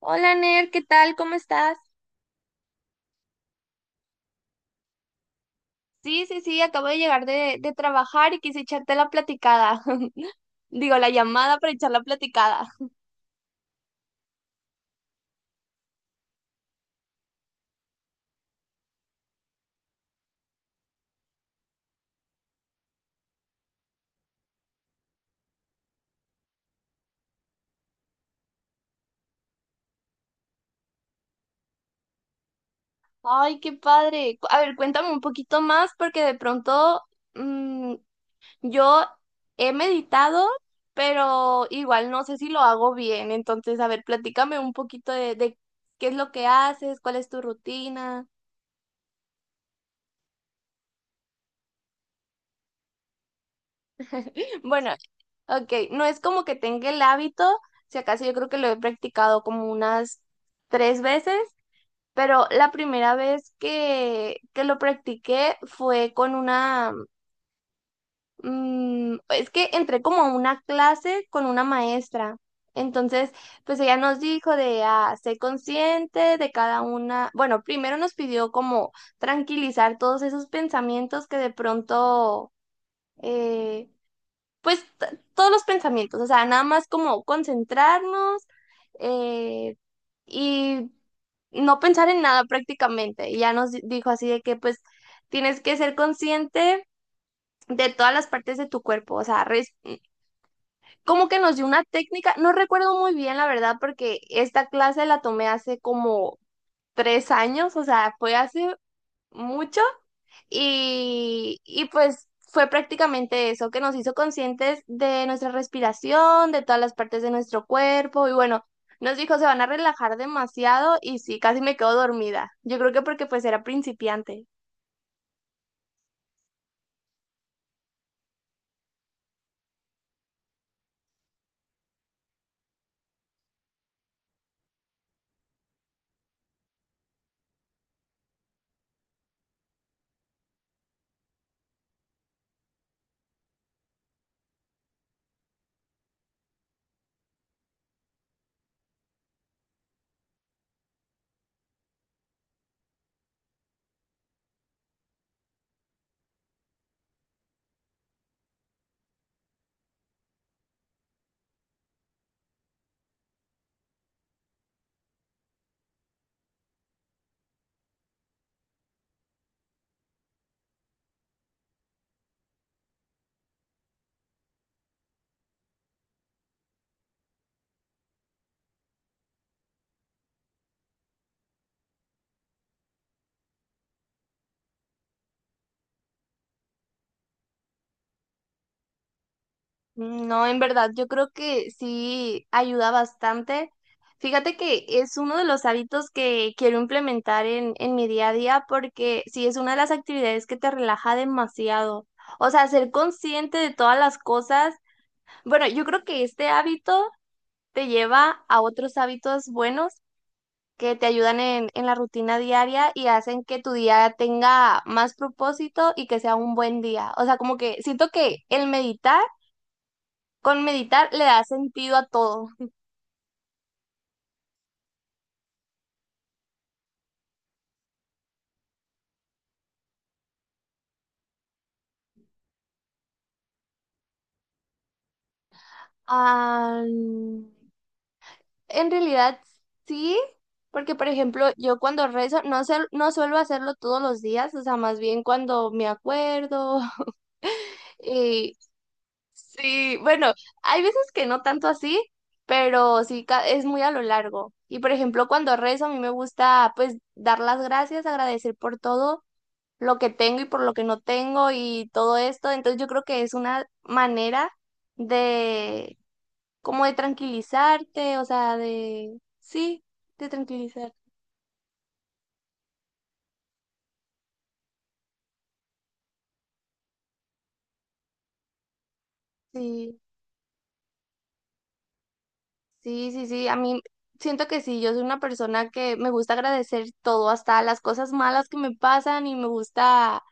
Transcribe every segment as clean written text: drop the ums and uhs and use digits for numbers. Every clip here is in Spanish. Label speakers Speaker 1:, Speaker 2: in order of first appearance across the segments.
Speaker 1: Hola Ner, ¿qué tal? ¿Cómo estás? Sí, acabo de llegar de trabajar y quise echarte la platicada. Digo, la llamada para echar la platicada. Ay, qué padre. A ver, cuéntame un poquito más porque de pronto mm, yo he meditado, pero igual no sé si lo hago bien. Entonces, a ver, platícame un poquito de qué es lo que haces, cuál es tu rutina. Bueno, ok, no es como que tenga el hábito, si acaso yo creo que lo he practicado como unas tres veces, pero la primera vez que lo practiqué fue con una, es que entré como a una clase con una maestra. Entonces, pues ella nos dijo de, ah, sé consciente de cada una, bueno, primero nos pidió como tranquilizar todos esos pensamientos que de pronto... eh, pues todos los pensamientos, o sea, nada más como concentrarnos eh, y no pensar en nada prácticamente. Y ya nos dijo así de que pues tienes que ser consciente de todas las partes de tu cuerpo, o sea, como que nos dio una técnica, no recuerdo muy bien la verdad porque esta clase la tomé hace como 3 años, o sea, fue hace mucho y pues fue prácticamente eso, que nos hizo conscientes de nuestra respiración, de todas las partes de nuestro cuerpo. Y bueno, nos dijo, se van a relajar demasiado y sí, casi me quedo dormida. Yo creo que porque pues era principiante. Mm, no, en verdad, yo creo que sí ayuda bastante. Fíjate que es uno de los hábitos que quiero implementar en mi día a día porque sí es una de las actividades que te relaja demasiado. O sea, ser consciente de todas las cosas. Bueno, yo creo que este hábito te lleva a otros hábitos buenos que te ayudan en la rutina diaria y hacen que tu día tenga más propósito y que sea un buen día. O sea, como que siento que el meditar, con meditar le da sentido a todo. Ah, en realidad sí, porque por ejemplo, yo cuando rezo no, no suelo hacerlo todos los días, o sea, más bien cuando me acuerdo. Y sí, bueno, hay veces que no tanto así, pero sí es muy a lo largo. Y por ejemplo, cuando rezo, a mí me gusta pues dar las gracias, agradecer por todo lo que tengo y por lo que no tengo y todo esto. Entonces yo creo que es una manera de como de tranquilizarte, o sea, de sí, de tranquilizar. Sí, sí, sí, sí. A mí siento que sí, yo soy una persona que me gusta agradecer todo, hasta las cosas malas que me pasan y me gusta.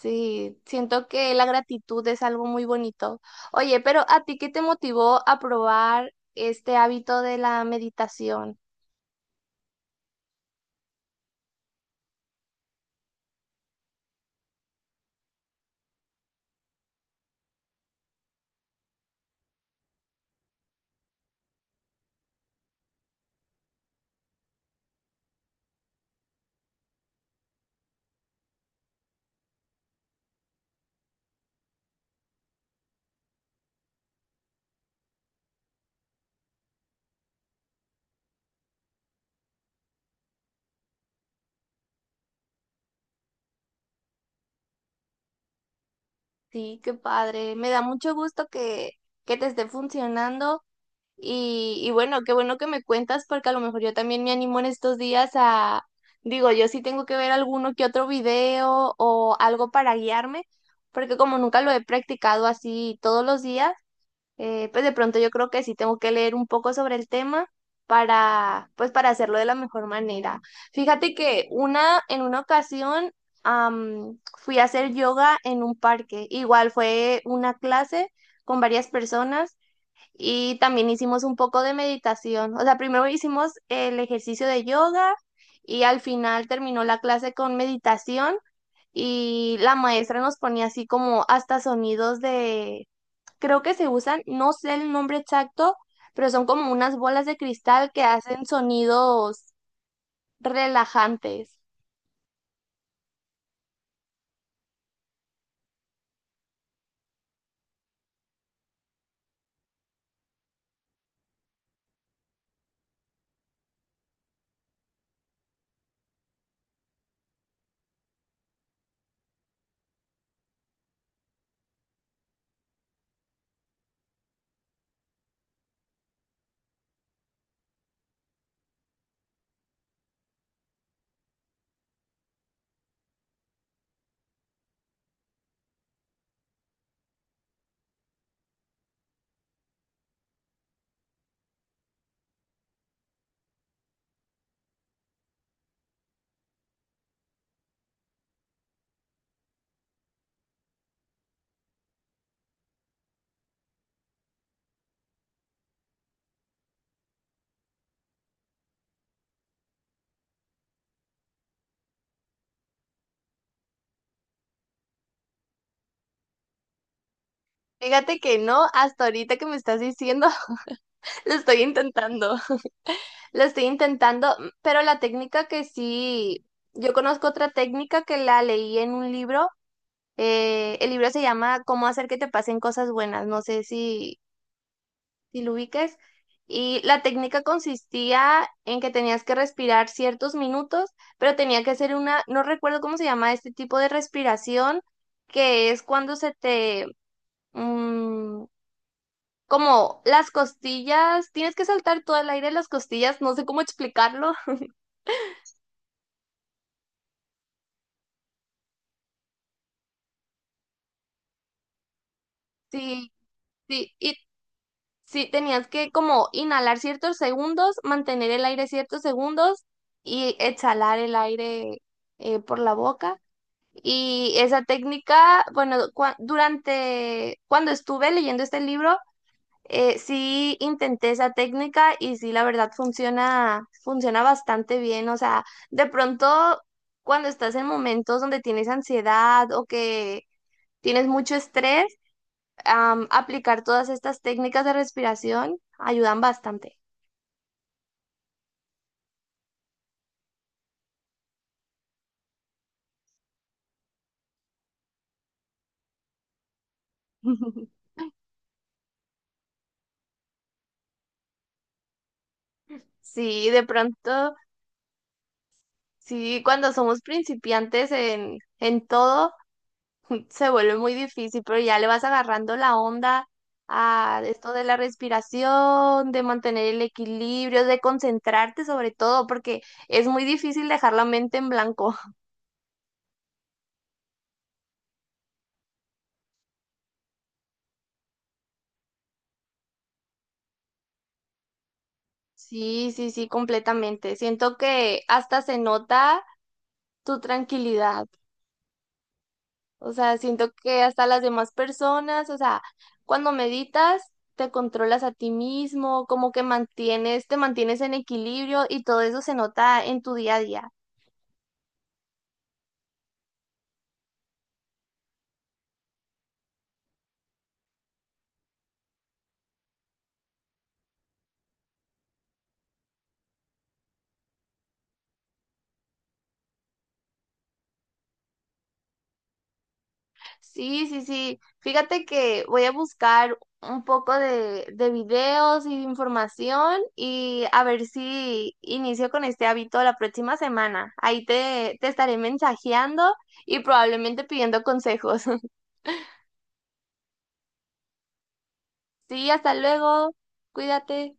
Speaker 1: Sí, siento que la gratitud es algo muy bonito. Oye, pero ¿a ti qué te motivó a probar este hábito de la meditación? Sí, qué padre. Me da mucho gusto que te esté funcionando y bueno, qué bueno que me cuentas porque a lo mejor yo también me animo en estos días a, digo, yo sí tengo que ver alguno que otro video o algo para guiarme, porque como nunca lo he practicado así todos los días. Pues de pronto yo creo que sí tengo que leer un poco sobre el tema para, pues para hacerlo de la mejor manera. Fíjate que una, en una ocasión fui a hacer yoga en un parque. Igual fue una clase con varias personas y también hicimos un poco de meditación. O sea, primero hicimos el ejercicio de yoga y al final terminó la clase con meditación y la maestra nos ponía así como hasta sonidos, creo que se usan, no sé el nombre exacto, pero son como unas bolas de cristal que hacen sonidos relajantes. Fíjate que no, hasta ahorita que me estás diciendo, lo estoy intentando, lo estoy intentando, pero la técnica que sí, yo conozco otra técnica que la leí en un libro, el libro se llama Cómo hacer que te pasen cosas buenas, no sé si si lo ubiques. Y la técnica consistía en que tenías que respirar ciertos minutos, pero tenía que ser una, no recuerdo cómo se llama este tipo de respiración, que es cuando se te, mm, como las costillas, tienes que saltar todo el aire de las costillas, no sé cómo explicarlo. Sí, sí, y sí, tenías que como inhalar ciertos segundos, mantener el aire ciertos segundos y exhalar el aire por la boca. Y esa técnica, bueno, durante cuando estuve leyendo este libro, sí intenté esa técnica y sí, la verdad funciona, funciona bastante bien. O sea, de pronto cuando estás en momentos donde tienes ansiedad o que tienes mucho estrés, aplicar todas estas técnicas de respiración ayudan bastante. Sí, de pronto, sí, cuando somos principiantes en todo se vuelve muy difícil, pero ya le vas agarrando la onda a esto de la respiración, de mantener el equilibrio, de concentrarte sobre todo, porque es muy difícil dejar la mente en blanco. Sí, sí, sí, completamente. Siento que hasta se nota tu tranquilidad. O sea, siento que hasta las demás personas, o sea, cuando meditas, te controlas a ti mismo, como que mantienes, te mantienes en equilibrio y todo eso se nota en tu día a día. Sí, sí, sí. Fíjate que voy a buscar un poco de videos y de información y a ver si inicio con este hábito la próxima semana. Ahí te estaré mensajeando y probablemente pidiendo consejos. Sí, hasta luego. Cuídate.